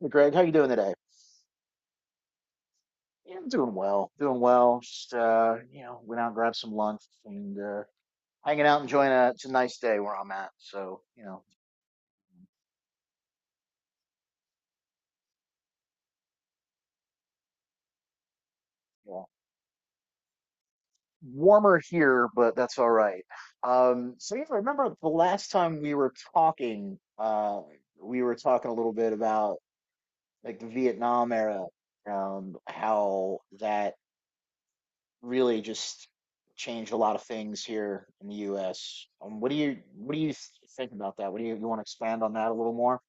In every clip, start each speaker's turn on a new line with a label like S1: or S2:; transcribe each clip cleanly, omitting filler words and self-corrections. S1: Hey Greg, how you doing today? Yeah, I'm doing well. Doing well. Just went out and grabbed some lunch and hanging out enjoying a it's a nice day where I'm at. So, yeah. Warmer here, but that's all right. So yeah, remember the last time we were talking a little bit about like the Vietnam era, how that really just changed a lot of things here in the U.S. What do you think about that? What do you want to expand on that a little more?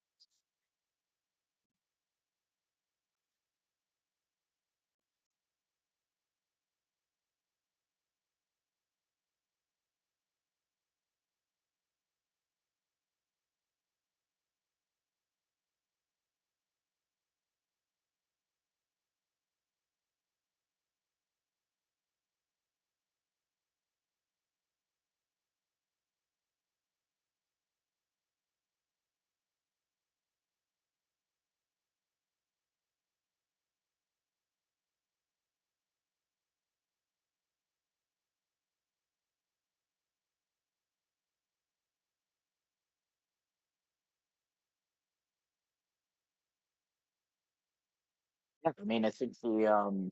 S1: Yeah. I mean, I think the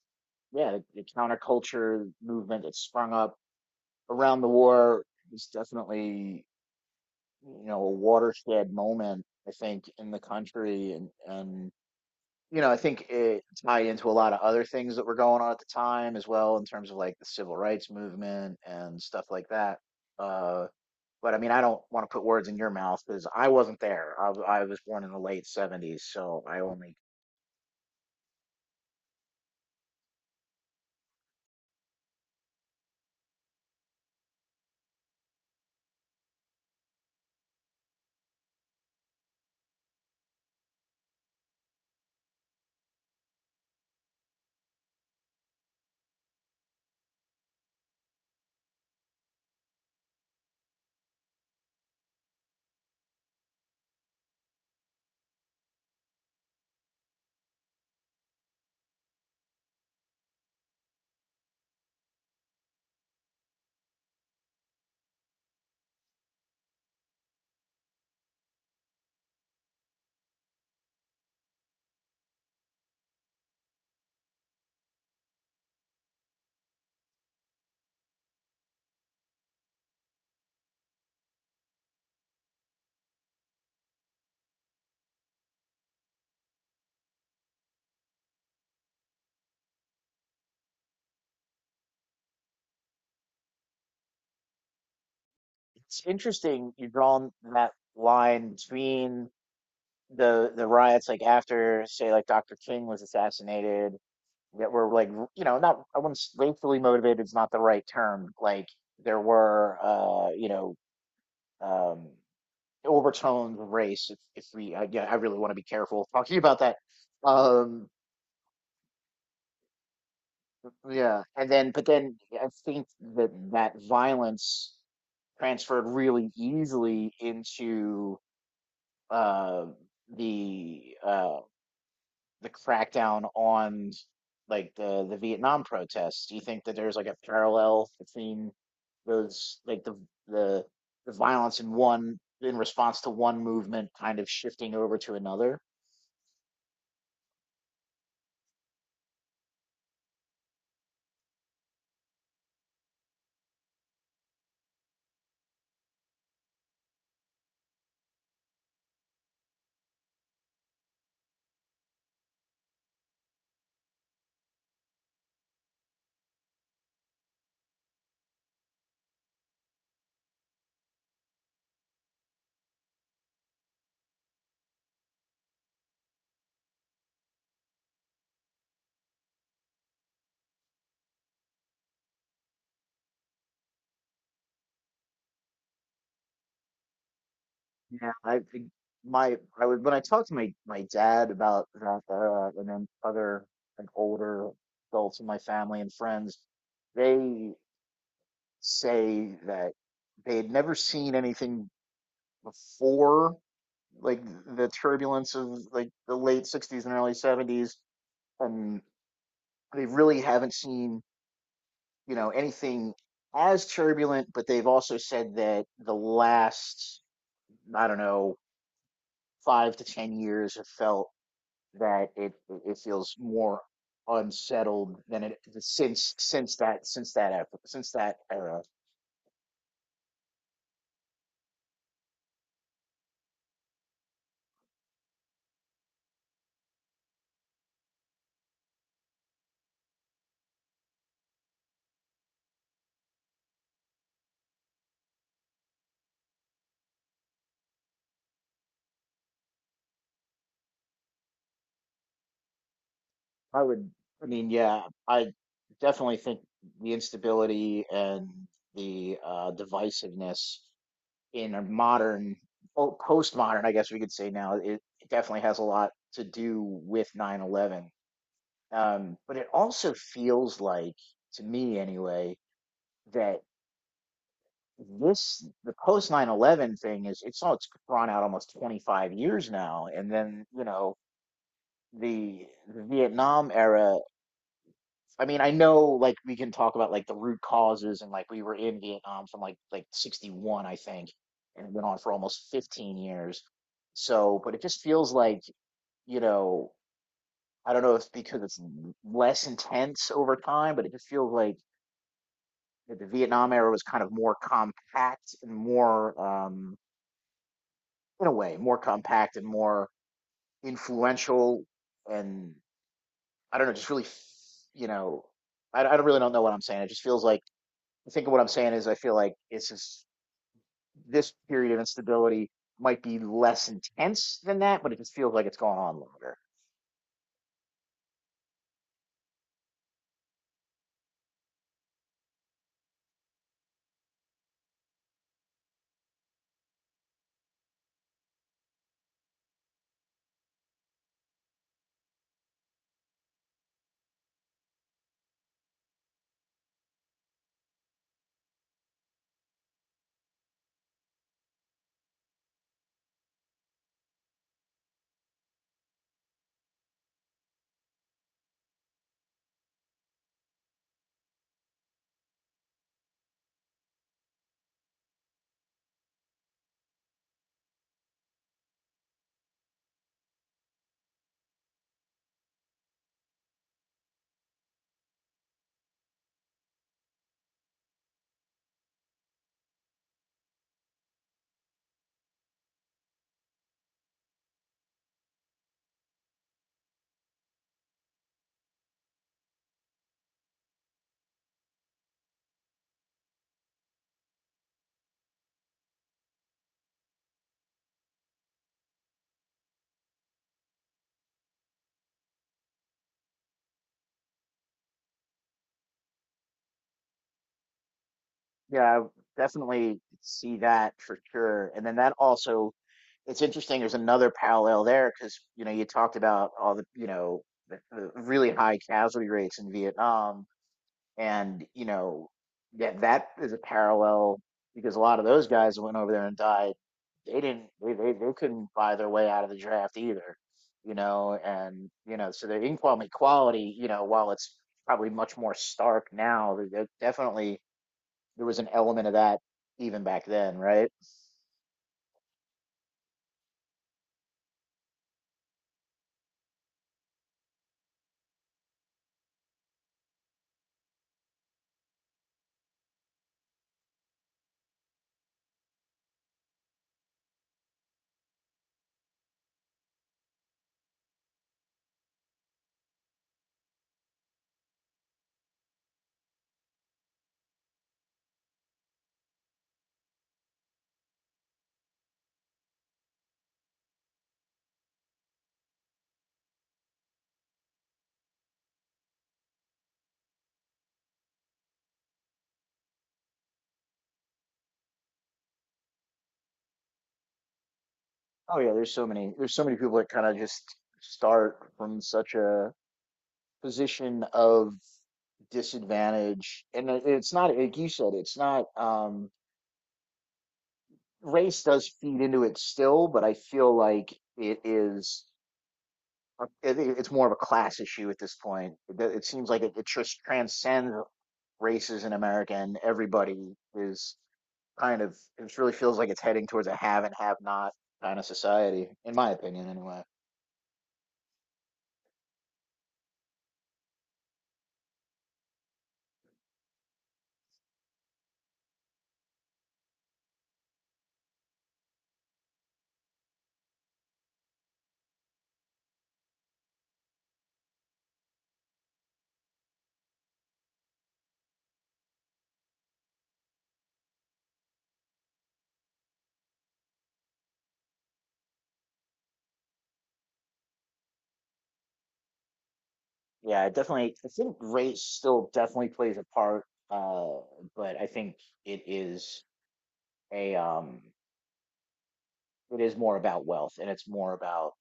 S1: yeah, the counterculture movement that sprung up around the war was definitely, you know, a watershed moment. I think in the country, and and I think it tied into a lot of other things that were going on at the time as well in terms of like the civil rights movement and stuff like that. Uh, But I mean, I don't want to put words in your mouth because I wasn't there. I was born in the late 70s, so I only. It's interesting you're drawing that line between the riots, like after, say, like Dr. King was assassinated, that were like, not, I wouldn't, s- racially motivated is not the right term. Like there were, um, overtones of race. If we, I, yeah, I really want to be careful talking about that. Um, Yeah, and then but then I think that that violence transferred really easily into uh the uh the crackdown on like the Vietnam protests. Do you think that there's like a parallel between those the the violence in one in response to one movement kind of shifting over to another? Yeah, I think my I would when I talked to my dad about that era and then other like older adults in my family and friends, they say that they had never seen anything before like the turbulence of like the late 60s and early 70s, and they really haven't seen, you know, anything as turbulent, but they've also said that the last, I don't know, 5 to 10 years have felt that it feels more unsettled than it since since that epoch, since that era. I would, I mean, yeah, I definitely think the instability and the divisiveness in a modern postmodern, I guess we could say now, it definitely has a lot to do with 9/11. But it also feels like, to me anyway, that this the post 9/11 thing is it's all it's drawn out almost 25 years now. And then, you know, the the Vietnam era, I mean, I know like we can talk about like the root causes, and like we were in Vietnam from like 61, I think, and it went on for almost 15 years. So but it just feels like, you know, I don't know if because it's less intense over time, but it just feels like that the Vietnam era was kind of more compact and more in a way more compact and more influential. And I don't know, just really, you know, I don't really don't know what I'm saying. It just feels like I think what I'm saying is I feel like it's just this period of instability might be less intense than that, but it just feels like it's going on longer. Yeah, I definitely see that for sure. And then that also it's interesting there's another parallel there because, you know, you talked about all the, you know, the really high casualty rates in vietnam. And, you know, that that is a parallel because a lot of those guys that went over there and died, they didn't they couldn't buy their way out of the draft either, you know. And, you know, so the income equality, you know, while it's probably much more stark now, there definitely there was an element of that even back then, right? Oh yeah, there's so many, there's so many people that kind of just start from such a position of disadvantage, and it's not, like you said, it's not, race does feed into it still, but I feel like it is, it's more of a class issue at this point. It seems like it just transcends races in America, and everybody is kind of, it really feels like it's heading towards a have and have not kind of society, in my opinion, anyway. Yeah, it definitely. I think race still definitely plays a part, uh, but I think it is a it is more about wealth, and it's more about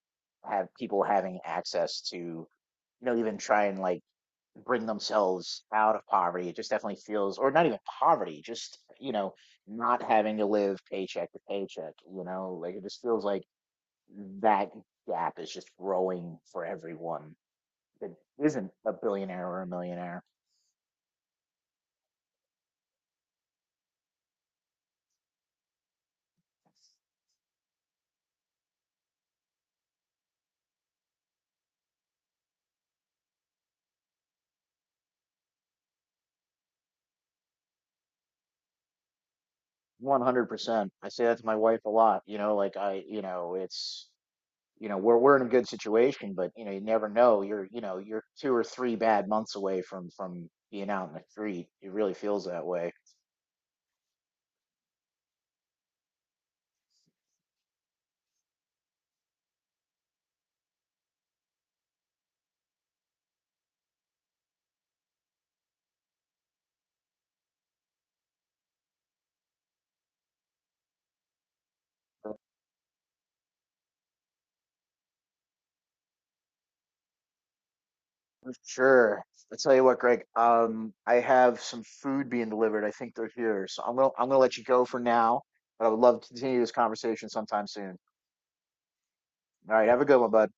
S1: have people having access to, you know, even try and like bring themselves out of poverty. It just definitely feels, or not even poverty, just, you know, not having to live paycheck to paycheck, you know, like it just feels like that gap is just growing for everyone that isn't a billionaire or a millionaire. 100% I say that to my wife a lot, you know, it's, you know, we're in a good situation, but you know you never know. You're you know you're two or three bad months away from being out in the street. It really feels that way. For sure. I tell you what, Greg. I have some food being delivered. I think they're here, so I'm gonna let you go for now. But I would love to continue this conversation sometime soon. All right, have a good one, bud.